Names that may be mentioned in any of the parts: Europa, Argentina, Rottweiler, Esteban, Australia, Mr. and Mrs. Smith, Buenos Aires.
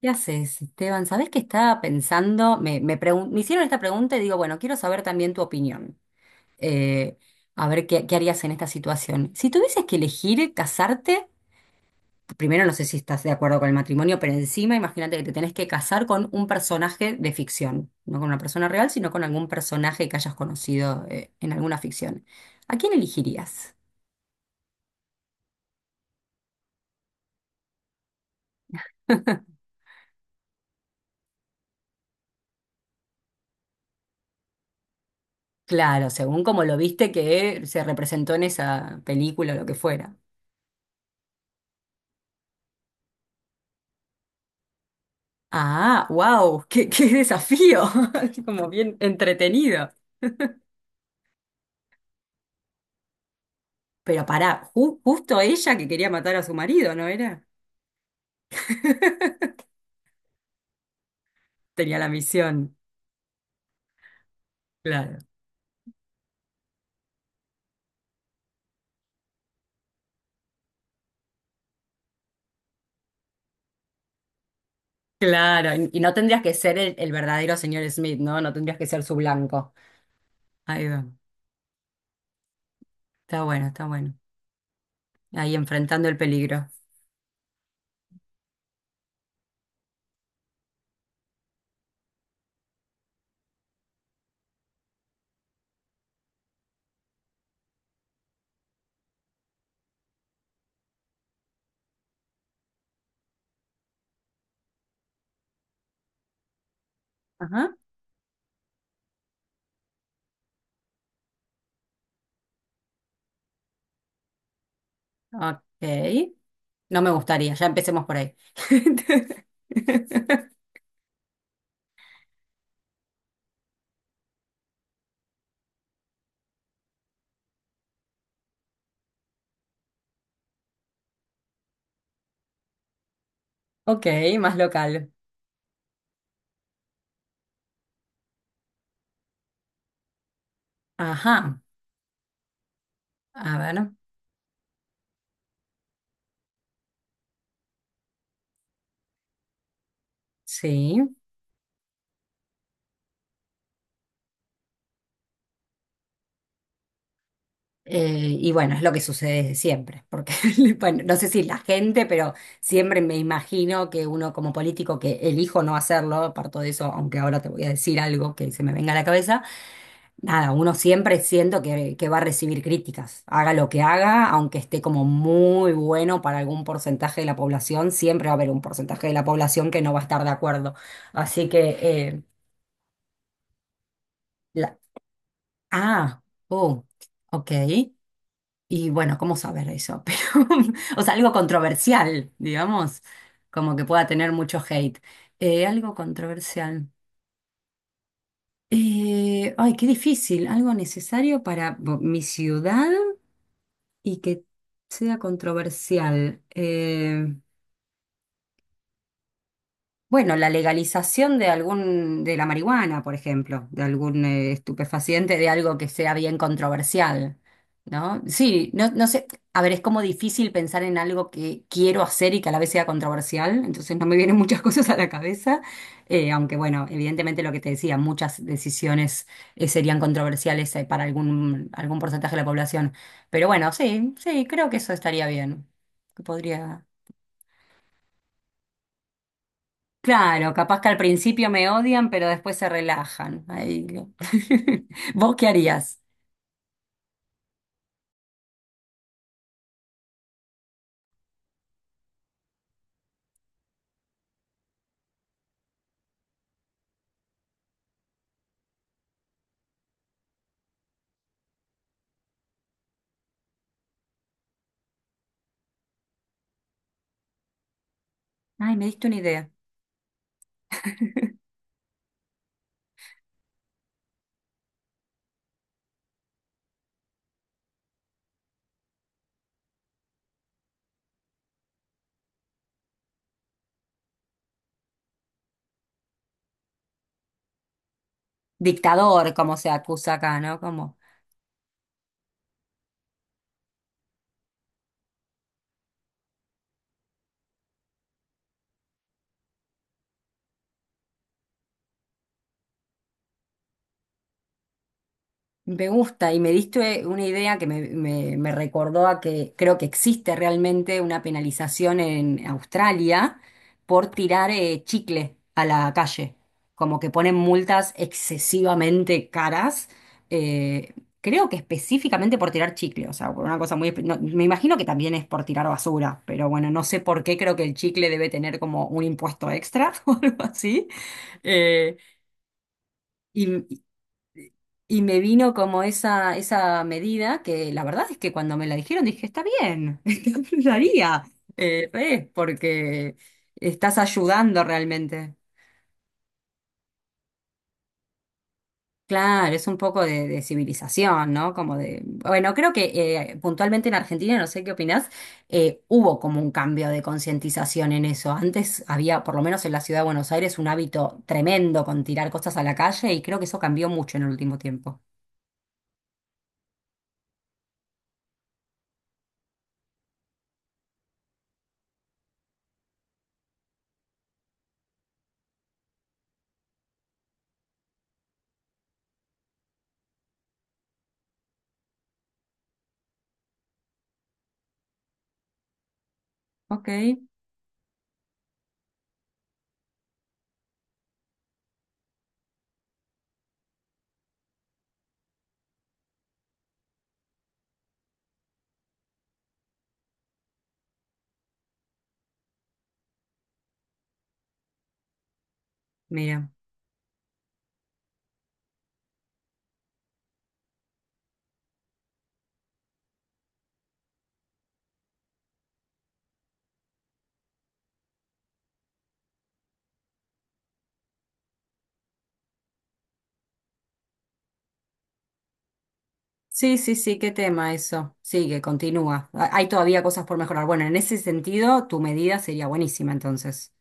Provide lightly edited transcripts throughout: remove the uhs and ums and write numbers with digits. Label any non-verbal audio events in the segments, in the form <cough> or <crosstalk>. ¿Qué haces, Esteban? ¿Sabés qué estaba pensando? Me hicieron esta pregunta y digo, bueno, quiero saber también tu opinión. Eh, a ver qué harías en esta situación. Si tuvieses que elegir casarte, primero no sé si estás de acuerdo con el matrimonio, pero encima imagínate que te tenés que casar con un personaje de ficción, no con una persona real, sino con algún personaje que hayas conocido, en alguna ficción. ¿A quién elegirías? <laughs> Claro, según como lo viste que se representó en esa película o lo que fuera. Ah, wow, qué desafío, <laughs> como bien entretenido. Pero pará, justo ella que quería matar a su marido, ¿no era? <laughs> Tenía la misión, claro. Claro, y no tendrías que ser el verdadero señor Smith, ¿no? No tendrías que ser su blanco. Ahí va. Está bueno, está bueno. Ahí enfrentando el peligro. Ajá, ok. No me gustaría, ya empecemos por ahí. <laughs> Ok, más local. Ajá, a ver, sí. Y bueno, es lo que sucede siempre, porque <laughs> bueno, no sé si la gente, pero siempre me imagino que uno como político que elijo no hacerlo, parto de eso, aunque ahora te voy a decir algo que se me venga a la cabeza, nada, uno siempre siento que va a recibir críticas, haga lo que haga, aunque esté como muy bueno para algún porcentaje de la población, siempre va a haber un porcentaje de la población que no va a estar de acuerdo. Así que, la- ah, oh, ok. Y bueno, ¿cómo saber eso? <laughs> Pero, o sea, algo controversial, digamos, como que pueda tener mucho hate. Algo controversial. Ay, qué difícil. Algo necesario para mi ciudad y que sea controversial. Bueno, la legalización de la marihuana, por ejemplo, de algún estupefaciente, de algo que sea bien controversial, ¿no? Sí, no, no sé, a ver, es como difícil pensar en algo que quiero hacer y que a la vez sea controversial, entonces no me vienen muchas <laughs> cosas a la cabeza, aunque bueno, evidentemente lo que te decía, muchas decisiones serían controversiales para algún porcentaje de la población, pero bueno, sí, sí, creo que eso estaría bien, que podría... Claro, capaz que al principio me odian, pero después se relajan. Ahí <laughs> ¿Vos qué harías? Ay, me diste una idea. Dictador, como se acusa acá, ¿no? Como. Me gusta y me diste una idea que me recordó a que creo que existe realmente una penalización en Australia por tirar chicle a la calle, como que ponen multas excesivamente caras, eh, creo que específicamente por tirar chicle, o sea, por una cosa muy. No, me imagino que también es por tirar basura, pero bueno, no sé por qué creo que el chicle debe tener como un impuesto extra <laughs> o algo así. Eh, y me vino como esa medida que la verdad es que cuando me la dijeron dije, está bien, <laughs> lo haría, re, porque estás ayudando realmente. Claro, es un poco de civilización, ¿no? Como de, bueno, creo que puntualmente en Argentina, no sé qué opinás, hubo como un cambio de concientización en eso. Antes había, por lo menos en la ciudad de Buenos Aires, un hábito tremendo con tirar cosas a la calle y creo que eso cambió mucho en el último tiempo. Ok, mira. Sí, sí, sí, qué tema eso. Sí, que continúa. Hay todavía cosas por mejorar. Bueno, en ese sentido, tu medida sería buenísima entonces.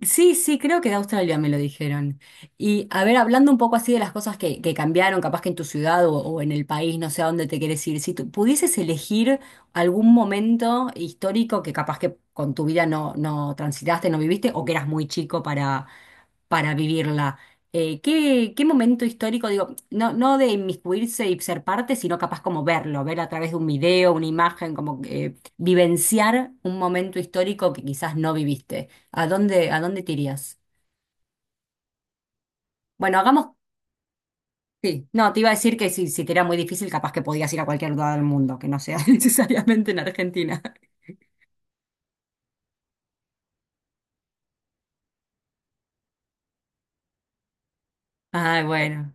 Sí, sí, creo que de Australia me lo dijeron. Y a ver, hablando un poco así de las cosas que cambiaron, capaz que en tu ciudad o en el país, no sé a dónde te quieres ir, si tú pudieses elegir algún momento histórico que capaz que con tu vida no, no transitaste, no viviste, o que eras muy chico para vivirla. ¿Qué momento histórico, digo, no, no de inmiscuirse y ser parte, sino capaz como verlo, ver a través de un video, una imagen, como vivenciar un momento histórico que quizás no viviste? ¿A dónde te irías? Bueno, hagamos. Sí, no, te iba a decir que si te era muy difícil, capaz que podías ir a cualquier lugar del mundo, que no sea <laughs> necesariamente en Argentina. Ah, bueno,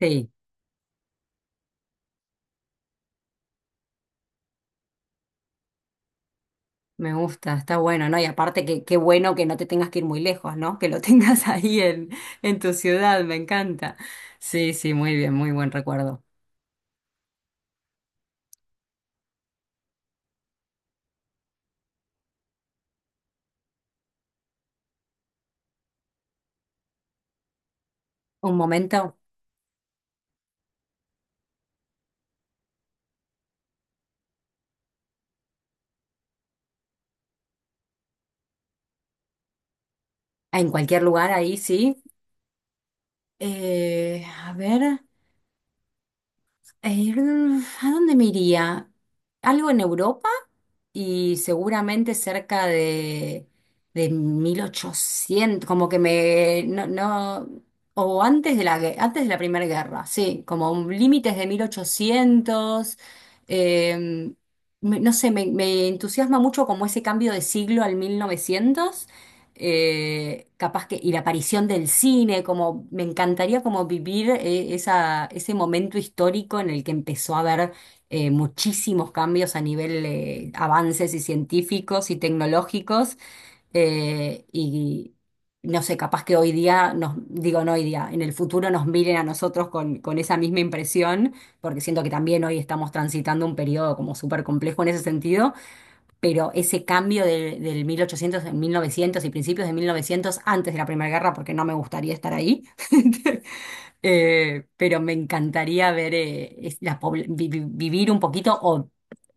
sí. Me gusta, está bueno, ¿no? Y aparte que qué bueno que no te tengas que ir muy lejos, ¿no? Que lo <laughs> tengas ahí en tu ciudad, me encanta. Sí, sí, muy bien, muy buen recuerdo. Un momento, en cualquier lugar ahí, sí. A ver, eh, ¿a dónde me iría? ¿Algo en Europa? Y seguramente cerca de 1800 como que me, no, no, o antes de la Primera Guerra, sí, como límites de 1800. Eh, me- no sé, me entusiasma mucho como ese cambio de siglo al 1900. Capaz que, y la aparición del cine, como me encantaría como vivir ese momento histórico en el que empezó a haber muchísimos cambios a nivel avances y científicos y tecnológicos, y no sé, capaz que hoy día nos, digo no hoy día, en el futuro nos miren a nosotros con esa misma impresión, porque siento que también hoy estamos transitando un periodo como súper complejo en ese sentido, pero ese cambio del 1800 en 1900 y principios de 1900 antes de la Primera Guerra, porque no me gustaría estar ahí, <laughs> pero me encantaría ver, es- la pobl- vi- vi- vivir un poquito, o,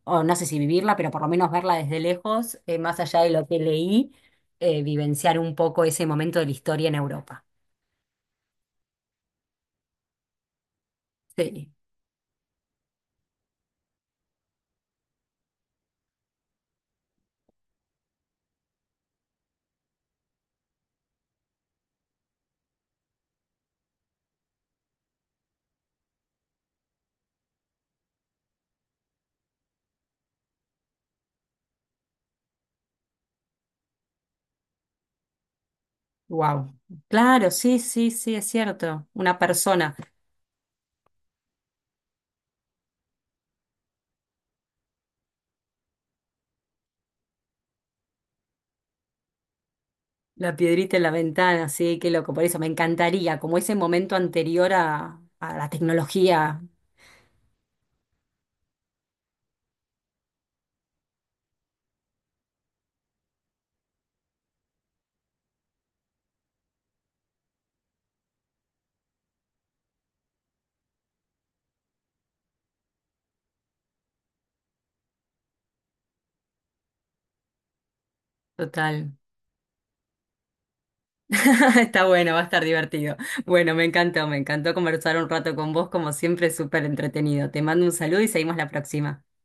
o no sé si vivirla, pero por lo menos verla desde lejos, más allá de lo que leí, vivenciar un poco ese momento de la historia en Europa. Sí, wow. Claro, sí, sí, sí, es cierto. Una persona. La piedrita en la ventana, sí, qué loco, por eso me encantaría, como ese momento anterior a la tecnología. Total. <laughs> Está bueno, va a estar divertido. Bueno, me encantó conversar un rato con vos, como siempre, súper entretenido. Te mando un saludo y seguimos la próxima.